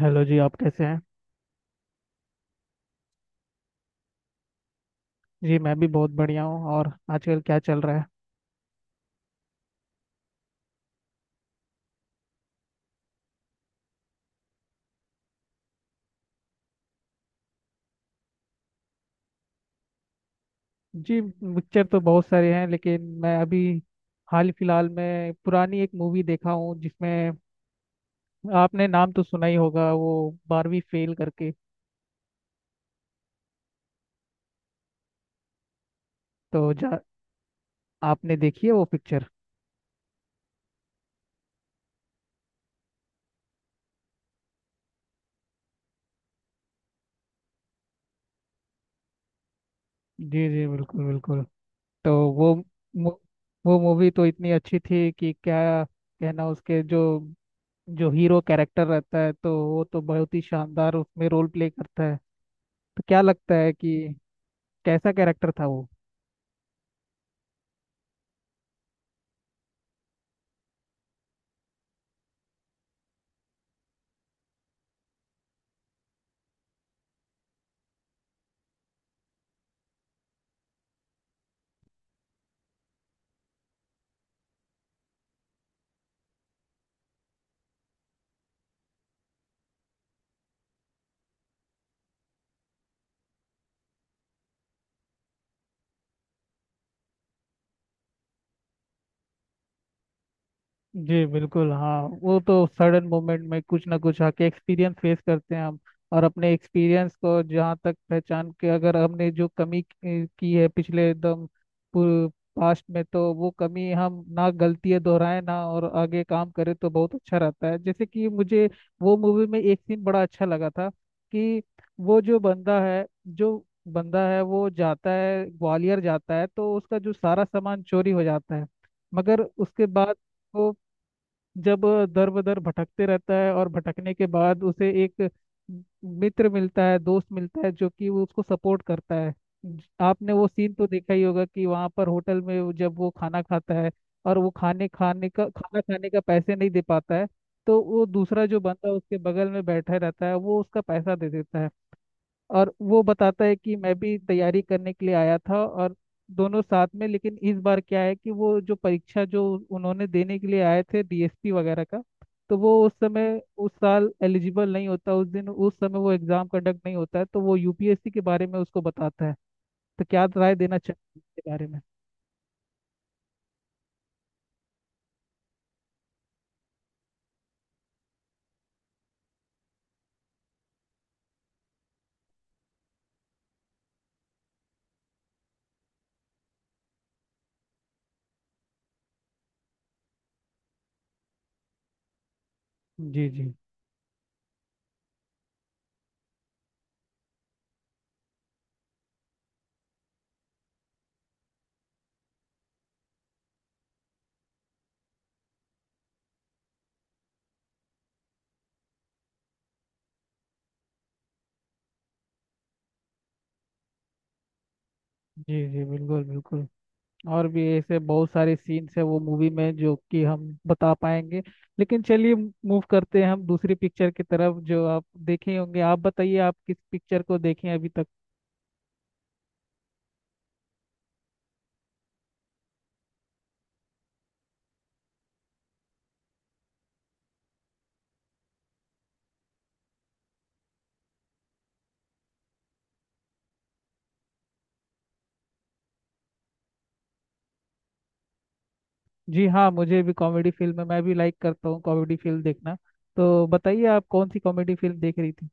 Hello जी, आप कैसे हैं। जी मैं भी बहुत बढ़िया हूँ। और आजकल क्या चल रहा है। जी, पिक्चर तो बहुत सारे हैं, लेकिन मैं अभी हाल फिलहाल में पुरानी एक मूवी देखा हूँ, जिसमें आपने नाम तो सुना ही होगा वो बारहवीं फेल करके। तो जा आपने देखी है वो पिक्चर। जी जी बिल्कुल बिल्कुल। तो वो मु- वो मूवी तो इतनी अच्छी थी कि क्या कहना। उसके जो जो हीरो कैरेक्टर रहता है, तो वो तो बहुत ही शानदार उसमें रोल प्ले करता है। तो क्या लगता है कि कैसा कैरेक्टर था वो। जी बिल्कुल, हाँ, वो तो सडन मोमेंट में कुछ ना कुछ आके एक्सपीरियंस फेस करते हैं हम। और अपने एक्सपीरियंस को जहाँ तक पहचान के, अगर हमने जो कमी की है पिछले एकदम पास्ट में, तो वो कमी हम ना गलतियाँ दोहराए ना, और आगे काम करें तो बहुत अच्छा रहता है। जैसे कि मुझे वो मूवी में एक सीन बड़ा अच्छा लगा था कि वो जो बंदा है, वो जाता है, ग्वालियर जाता है, तो उसका जो सारा सामान चोरी हो जाता है। मगर उसके बाद वो जब दर बदर भटकते रहता है, और भटकने के बाद उसे एक मित्र मिलता है, दोस्त मिलता है, जो कि वो उसको सपोर्ट करता है। आपने वो सीन तो देखा ही होगा कि वहाँ पर होटल में जब वो खाना खाता है, और वो खाने खाने का खाना खाने का पैसे नहीं दे पाता है। तो वो दूसरा जो बंदा उसके बगल में बैठा रहता है, वो उसका पैसा दे देता है। और वो बताता है कि मैं भी तैयारी करने के लिए आया था, और दोनों साथ में। लेकिन इस बार क्या है कि वो जो परीक्षा जो उन्होंने देने के लिए आए थे, डीएसपी वगैरह का, तो वो उस समय उस साल एलिजिबल नहीं होता। उस दिन उस समय वो एग्जाम कंडक्ट नहीं होता है, तो वो यूपीएससी के बारे में उसको बताता है। तो क्या राय देना चाहिए इसके बारे में। जी जी जी, जी बिल्कुल बिल्कुल। और भी ऐसे बहुत सारे सीन्स है वो मूवी में, जो कि हम बता पाएंगे। लेकिन चलिए, मूव करते हैं हम दूसरी पिक्चर की तरफ। जो आप देखे होंगे आप बताइए, आप किस पिक्चर को देखे हैं अभी तक। जी हाँ, मुझे भी कॉमेडी फिल्म है, मैं भी लाइक करता हूँ कॉमेडी फिल्म देखना। तो बताइए आप कौन सी कॉमेडी फिल्म देख रही थी।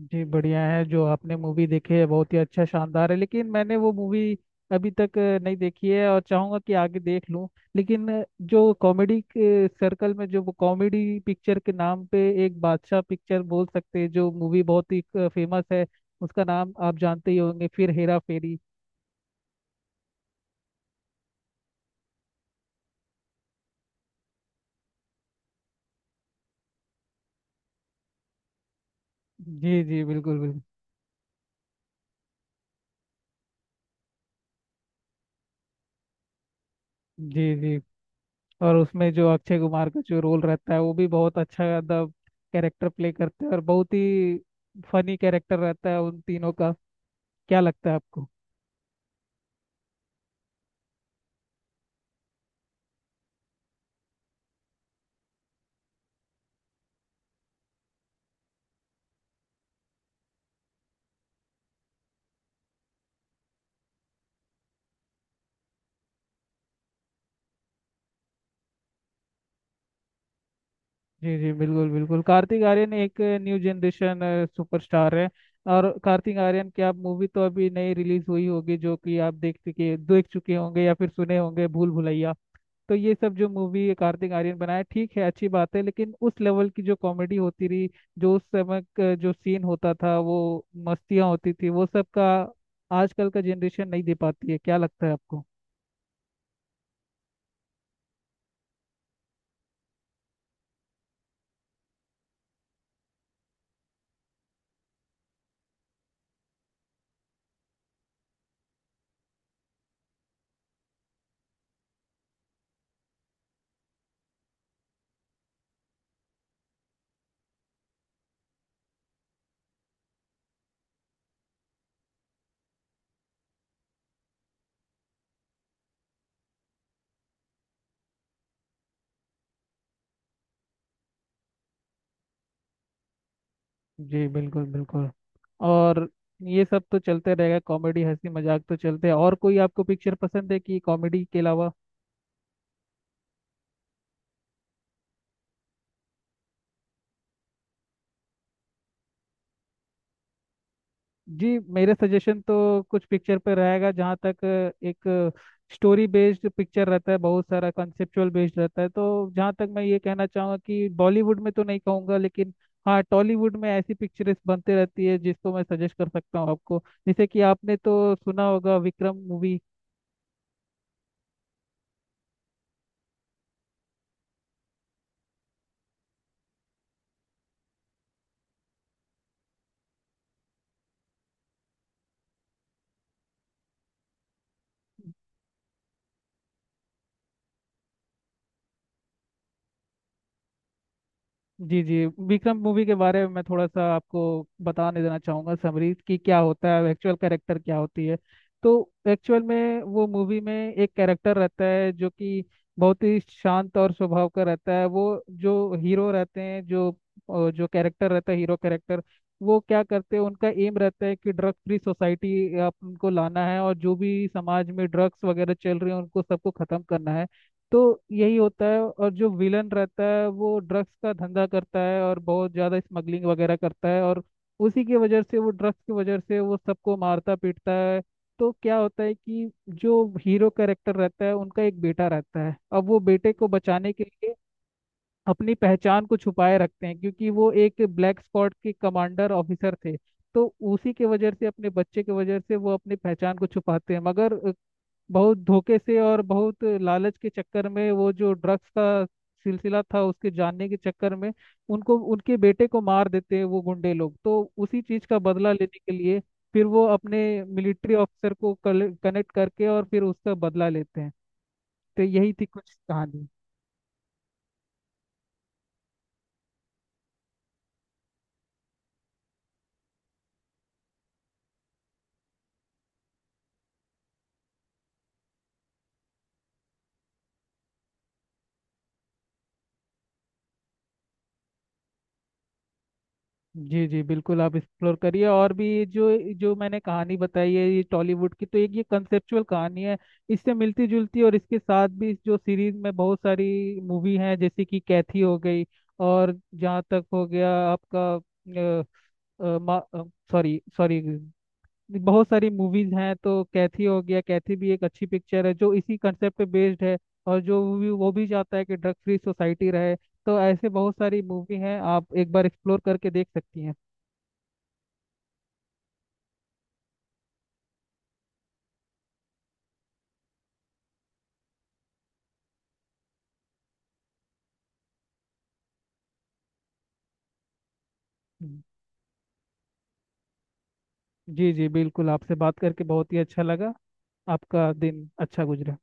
जी बढ़िया है, जो आपने मूवी देखी है बहुत ही अच्छा शानदार है। लेकिन मैंने वो मूवी अभी तक नहीं देखी है, और चाहूंगा कि आगे देख लूं। लेकिन जो कॉमेडी के सर्कल में, जो कॉमेडी पिक्चर के नाम पे एक बादशाह पिक्चर बोल सकते हैं, जो मूवी बहुत ही फेमस है, उसका नाम आप जानते ही होंगे, फिर हेरा फेरी। जी जी बिल्कुल बिल्कुल। जी जी। और उसमें जो अक्षय कुमार का जो रोल रहता है वो भी बहुत अच्छा द कैरेक्टर प्ले करते हैं, और बहुत ही फनी कैरेक्टर रहता है उन तीनों का। क्या लगता है आपको। जी जी बिल्कुल बिल्कुल। कार्तिक आर्यन एक न्यू जनरेशन सुपरस्टार है। और कार्तिक आर्यन की आप मूवी तो अभी नई रिलीज हुई होगी, जो कि आप देख चुके होंगे, या फिर सुने होंगे, भूल भुलैया। तो ये सब जो मूवी कार्तिक आर्यन बनाया ठीक है, अच्छी बात है, लेकिन उस लेवल की जो कॉमेडी होती रही, जो उस समय का जो सीन होता था, वो मस्तियाँ होती थी, वो सब का आजकल का जनरेशन नहीं दे पाती है। क्या लगता है आपको। जी बिल्कुल बिल्कुल। और ये सब तो चलते रहेगा, कॉमेडी हंसी मजाक तो चलते हैं। और कोई आपको पिक्चर पसंद है कि कॉमेडी के अलावा। जी मेरे सजेशन तो कुछ पिक्चर पे रहेगा। जहाँ तक एक स्टोरी बेस्ड पिक्चर रहता है, बहुत सारा कॉन्सेप्चुअल बेस्ड रहता है, तो जहाँ तक मैं ये कहना चाहूँगा कि बॉलीवुड में तो नहीं कहूँगा, लेकिन हाँ, टॉलीवुड में ऐसी पिक्चर्स बनते रहती है, जिसको मैं सजेस्ट कर सकता हूँ आपको। जैसे कि आपने तो सुना होगा विक्रम मूवी। जी जी, विक्रम मूवी के बारे में मैं थोड़ा सा आपको बताने देना चाहूँगा समरी, कि क्या होता है एक्चुअल कैरेक्टर क्या होती है। तो एक्चुअल में वो मूवी में एक कैरेक्टर रहता है, जो कि बहुत ही शांत और स्वभाव का रहता है। वो जो हीरो रहते हैं, जो जो कैरेक्टर रहता है हीरो कैरेक्टर, वो क्या करते हैं, उनका एम रहता है कि ड्रग फ्री सोसाइटी आप उनको लाना है, और जो भी समाज में ड्रग्स वगैरह चल रहे हैं उनको सबको खत्म करना है। तो यही होता है। और जो विलन रहता है वो ड्रग्स का धंधा करता है, और बहुत ज़्यादा स्मगलिंग वगैरह करता है, और उसी की वजह से, वो ड्रग्स की वजह से वो सबको मारता पीटता है। तो क्या होता है कि जो हीरो कैरेक्टर रहता है उनका एक बेटा रहता है। अब वो बेटे को बचाने के लिए अपनी पहचान को छुपाए रखते हैं, क्योंकि वो एक ब्लैक स्क्वाड के कमांडर ऑफिसर थे। तो उसी के वजह से, अपने बच्चे के वजह से वो अपनी पहचान को छुपाते हैं। मगर बहुत धोखे से और बहुत लालच के चक्कर में, वो जो ड्रग्स का सिलसिला था उसके जानने के चक्कर में, उनको उनके बेटे को मार देते हैं वो गुंडे लोग। तो उसी चीज का बदला लेने के लिए फिर वो अपने मिलिट्री ऑफिसर को कनेक्ट करके और फिर उसका बदला लेते हैं। तो यही थी कुछ कहानी। जी जी बिल्कुल, आप एक्सप्लोर करिए। और भी, ये जो जो मैंने कहानी बताई है, ये टॉलीवुड की तो एक ये कंसेप्चुअल कहानी है। इससे मिलती जुलती और इसके साथ भी, इस जो सीरीज में बहुत सारी मूवी हैं, जैसे कि कैथी हो गई, और जहाँ तक हो गया आपका, सॉरी सॉरी, बहुत सारी मूवीज हैं। तो कैथी हो गया, कैथी भी एक अच्छी पिक्चर है, जो इसी कंसेप्ट पे बेस्ड है। और जो वो भी चाहता है कि ड्रग फ्री सोसाइटी रहे। तो ऐसे बहुत सारी मूवी हैं, आप एक बार एक्सप्लोर करके देख सकती हैं। जी जी बिल्कुल, आपसे बात करके बहुत ही अच्छा लगा। आपका दिन अच्छा गुजरे।